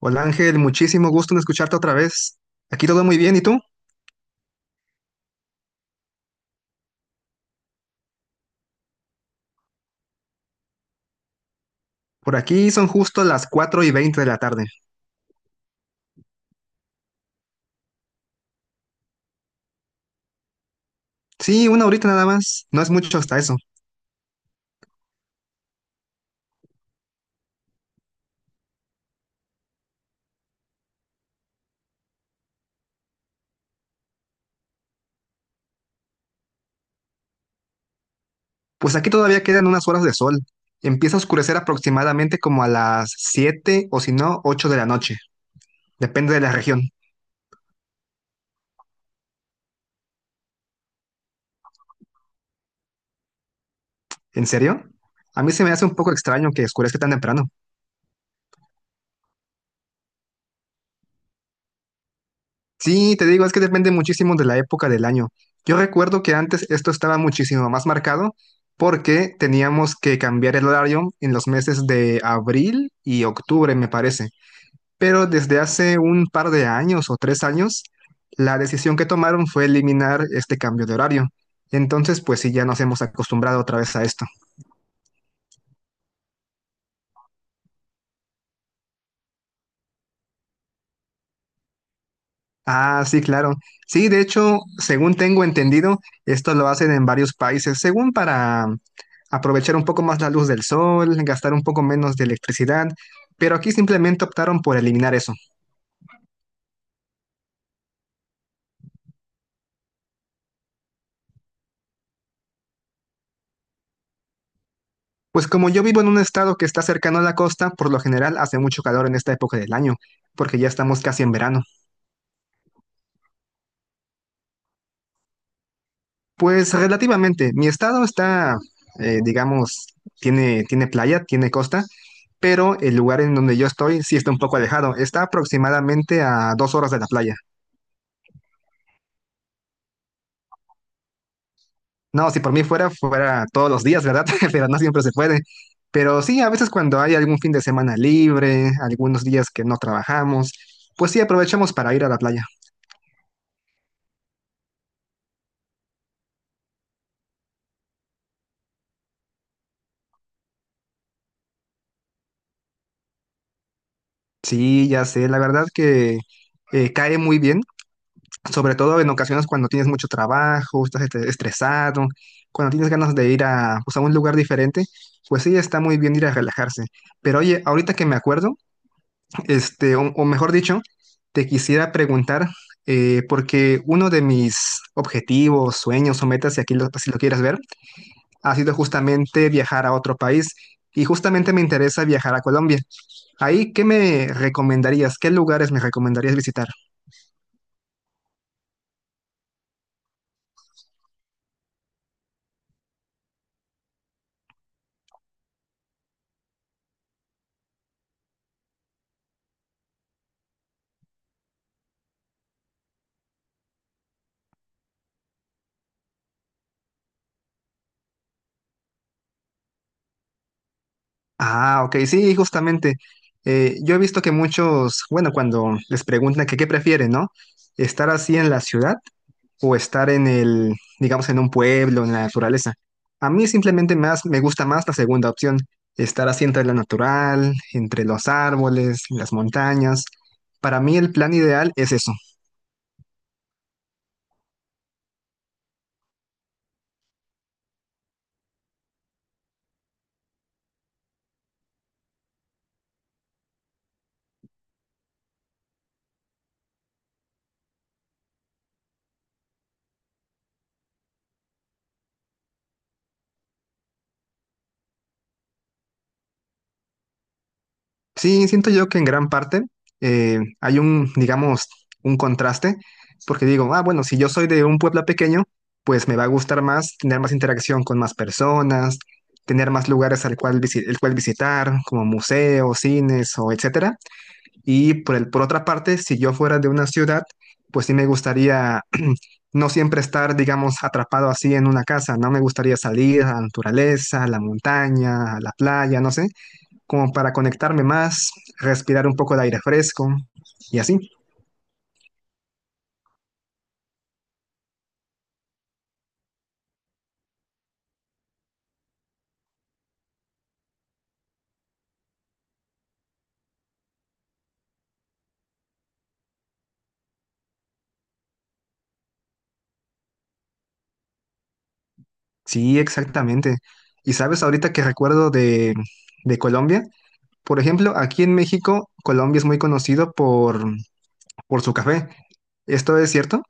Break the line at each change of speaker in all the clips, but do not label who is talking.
Hola Ángel, muchísimo gusto en escucharte otra vez. Aquí todo muy bien, ¿y tú? Por aquí son justo las 4 y 20 de la tarde. Sí, una horita nada más, no es mucho hasta eso. Pues aquí todavía quedan unas horas de sol. Empieza a oscurecer aproximadamente como a las 7 o si no, 8 de la noche. Depende de la región. ¿En serio? A mí se me hace un poco extraño que oscurezca tan temprano. Sí, te digo, es que depende muchísimo de la época del año. Yo recuerdo que antes esto estaba muchísimo más marcado porque teníamos que cambiar el horario en los meses de abril y octubre, me parece. Pero desde hace un par de años o tres años, la decisión que tomaron fue eliminar este cambio de horario. Entonces, pues sí, ya nos hemos acostumbrado otra vez a esto. Ah, sí, claro. Sí, de hecho, según tengo entendido, esto lo hacen en varios países, según para aprovechar un poco más la luz del sol, gastar un poco menos de electricidad, pero aquí simplemente optaron por eliminar eso. Pues como yo vivo en un estado que está cercano a la costa, por lo general hace mucho calor en esta época del año, porque ya estamos casi en verano. Pues relativamente, mi estado está, digamos, tiene playa, tiene costa, pero el lugar en donde yo estoy sí está un poco alejado. Está aproximadamente a dos horas de la playa. No, si por mí fuera, fuera todos los días, ¿verdad? Pero no siempre se puede. Pero sí, a veces cuando hay algún fin de semana libre, algunos días que no trabajamos, pues sí aprovechamos para ir a la playa. Sí, ya sé, la verdad que cae muy bien, sobre todo en ocasiones cuando tienes mucho trabajo, estás estresado, cuando tienes ganas de ir a, pues, a un lugar diferente, pues sí, está muy bien ir a relajarse. Pero oye, ahorita que me acuerdo, este, o mejor dicho, te quisiera preguntar, porque uno de mis objetivos, sueños o metas, si lo quieres ver, ha sido justamente viajar a otro país y justamente me interesa viajar a Colombia. Ahí, ¿qué me recomendarías? ¿Qué lugares me recomendarías visitar? Ah, ok, sí, justamente. Yo he visto que muchos, bueno, cuando les preguntan que qué prefieren, ¿no? Estar así en la ciudad o estar en el, digamos, en un pueblo, en la naturaleza. A mí simplemente más me gusta más la segunda opción, estar así entre entre los árboles, las montañas. Para mí el plan ideal es eso. Sí, siento yo que en gran parte hay un, digamos, un contraste, porque digo, ah, bueno, si yo soy de un pueblo pequeño, pues me va a gustar más tener más interacción con más personas, tener más lugares el cual visitar, como museos, cines o etcétera. Por otra parte, si yo fuera de una ciudad, pues sí me gustaría no siempre estar, digamos, atrapado así en una casa, ¿no? Me gustaría salir a la naturaleza, a la montaña, a la playa, no sé, como para conectarme más, respirar un poco de aire fresco y así. Sí, exactamente. Y sabes, ahorita que recuerdo de Colombia, por ejemplo, aquí en México, Colombia es muy conocido por su café. ¿Esto es cierto?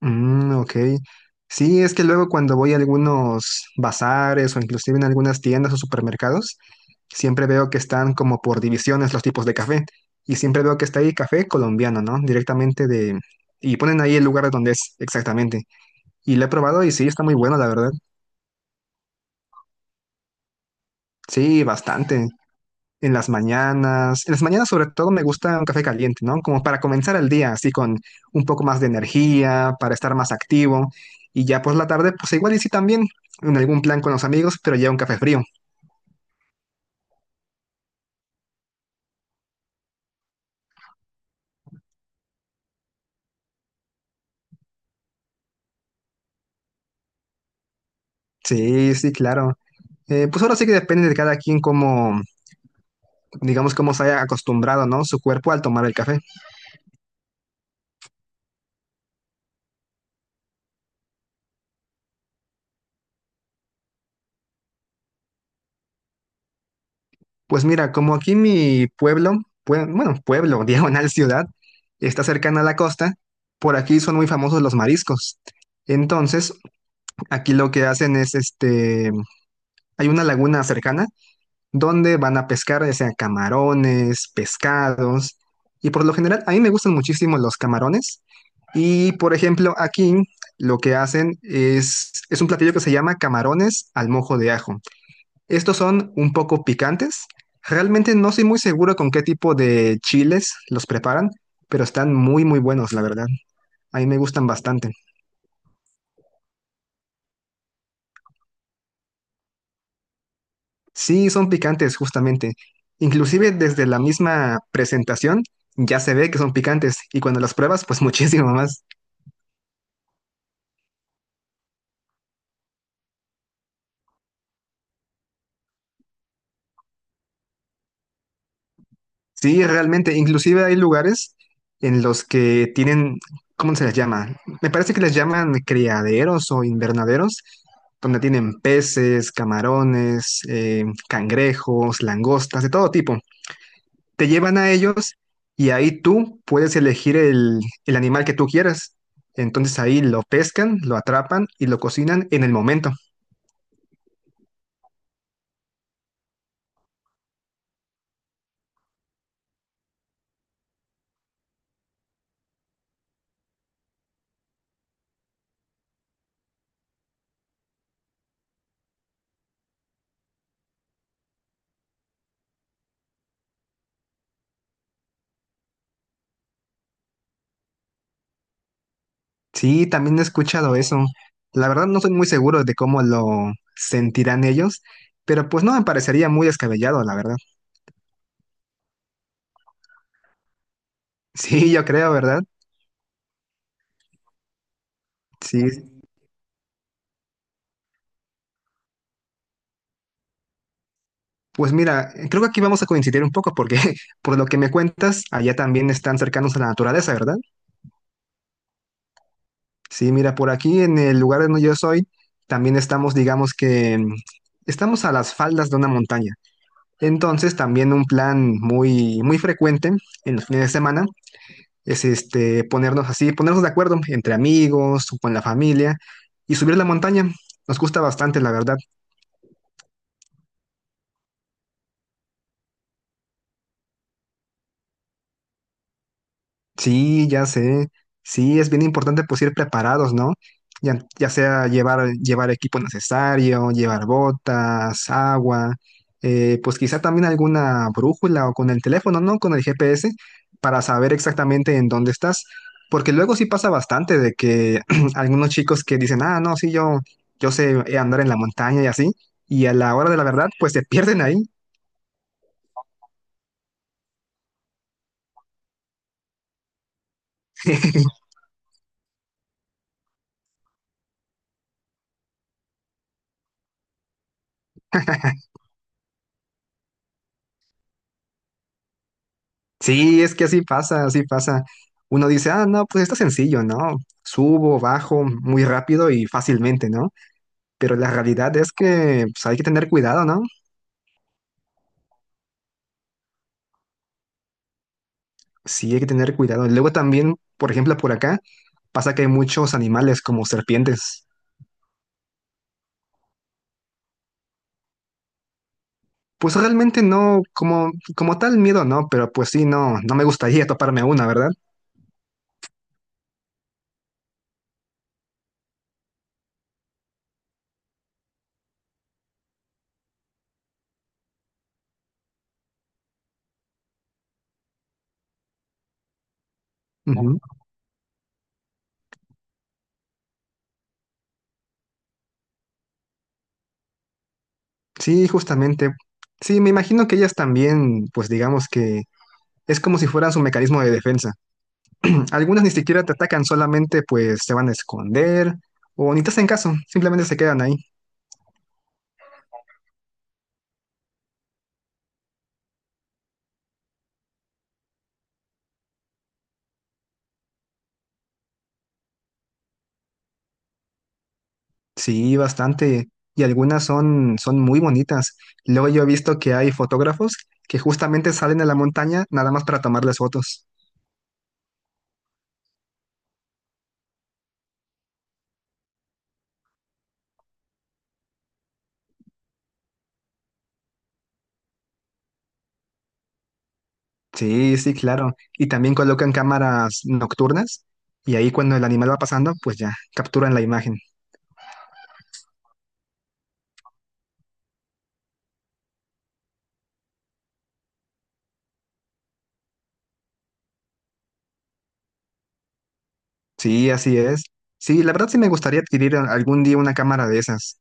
Mm, ok. Sí, es que luego cuando voy a algunos bazares o inclusive en algunas tiendas o supermercados, siempre veo que están como por divisiones los tipos de café. Y siempre veo que está ahí café colombiano, ¿no? Directamente de... Y ponen ahí el lugar donde es exactamente. Y lo he probado y sí, está muy bueno, la verdad. Sí, bastante. En las mañanas sobre todo me gusta un café caliente, ¿no? Como para comenzar el día así con un poco más de energía, para estar más activo. Y ya pues la tarde, pues igual y sí también, en algún plan con los amigos, pero ya un café frío. Sí, sí, claro. Pues ahora sí que depende de cada quien cómo digamos, cómo se haya acostumbrado, ¿no? Su cuerpo al tomar el café. Pues mira, como aquí mi pueblo, bueno, pueblo, diagonal ciudad, está cercana a la costa, por aquí son muy famosos los mariscos. Entonces, aquí lo que hacen es, este, hay una laguna cercana donde van a pescar, ya sea camarones, pescados, y por lo general a mí me gustan muchísimo los camarones. Y por ejemplo, aquí lo que hacen es un platillo que se llama camarones al mojo de ajo. Estos son un poco picantes. Realmente no soy muy seguro con qué tipo de chiles los preparan, pero están muy, muy buenos, la verdad. A mí me gustan bastante. Sí, son picantes, justamente. Inclusive desde la misma presentación ya se ve que son picantes y cuando las pruebas, pues muchísimo más. Sí, realmente, inclusive hay lugares en los que tienen, ¿cómo se les llama? Me parece que les llaman criaderos o invernaderos, donde tienen peces, camarones, cangrejos, langostas, de todo tipo. Te llevan a ellos y ahí tú puedes elegir el animal que tú quieras. Entonces ahí lo pescan, lo atrapan y lo cocinan en el momento. Sí, también he escuchado eso. La verdad no soy muy seguro de cómo lo sentirán ellos, pero pues no me parecería muy descabellado, la verdad. Sí, yo creo, ¿verdad? Sí. Pues mira, creo que aquí vamos a coincidir un poco porque por lo que me cuentas, allá también están cercanos a la naturaleza, ¿verdad? Sí, mira, por aquí en el lugar donde yo soy, también estamos, digamos que estamos a las faldas de una montaña. Entonces, también un plan muy, muy frecuente en los fines de semana es este ponernos de acuerdo entre amigos o con la familia y subir la montaña. Nos gusta bastante, la verdad. Sí, ya sé. Sí, es bien importante pues ir preparados, ¿no? Ya sea llevar equipo necesario, llevar botas, agua, pues quizá también alguna brújula o con el teléfono, ¿no? Con el GPS para saber exactamente en dónde estás. Porque luego sí pasa bastante de que algunos chicos que dicen, ah, no, sí, yo sé andar en la montaña y así, y a la hora de la verdad, pues se pierden ahí. Sí, es que así pasa, así pasa. Uno dice, ah, no, pues está sencillo, ¿no? Subo, bajo muy rápido y fácilmente, ¿no? Pero la realidad es que pues, hay que tener cuidado, ¿no? Sí, hay que tener cuidado. Luego también, por ejemplo, por acá pasa que hay muchos animales como serpientes. Pues realmente no, como tal miedo, ¿no? Pero pues sí, no me gustaría toparme a una, ¿verdad? Ujú. Sí, justamente. Sí, me imagino que ellas también, pues digamos que es como si fueran su mecanismo de defensa. Algunas ni siquiera te atacan, solamente pues se van a esconder o ni te hacen caso, simplemente se quedan ahí. Sí, bastante. Y algunas son muy bonitas. Luego yo he visto que hay fotógrafos que justamente salen a la montaña nada más para tomarles fotos. Sí, sí, claro. Y también colocan cámaras nocturnas y ahí cuando el animal va pasando, pues ya capturan la imagen. Sí, así es. Sí, la verdad sí me gustaría adquirir algún día una cámara de esas.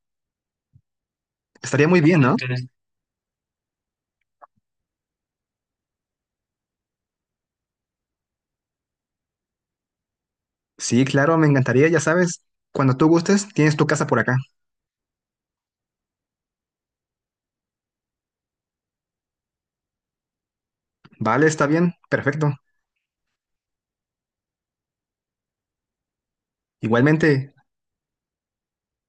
Estaría muy bien, ¿no? Sí, claro, me encantaría, ya sabes. Cuando tú gustes, tienes tu casa por acá. Vale, está bien, perfecto. Igualmente,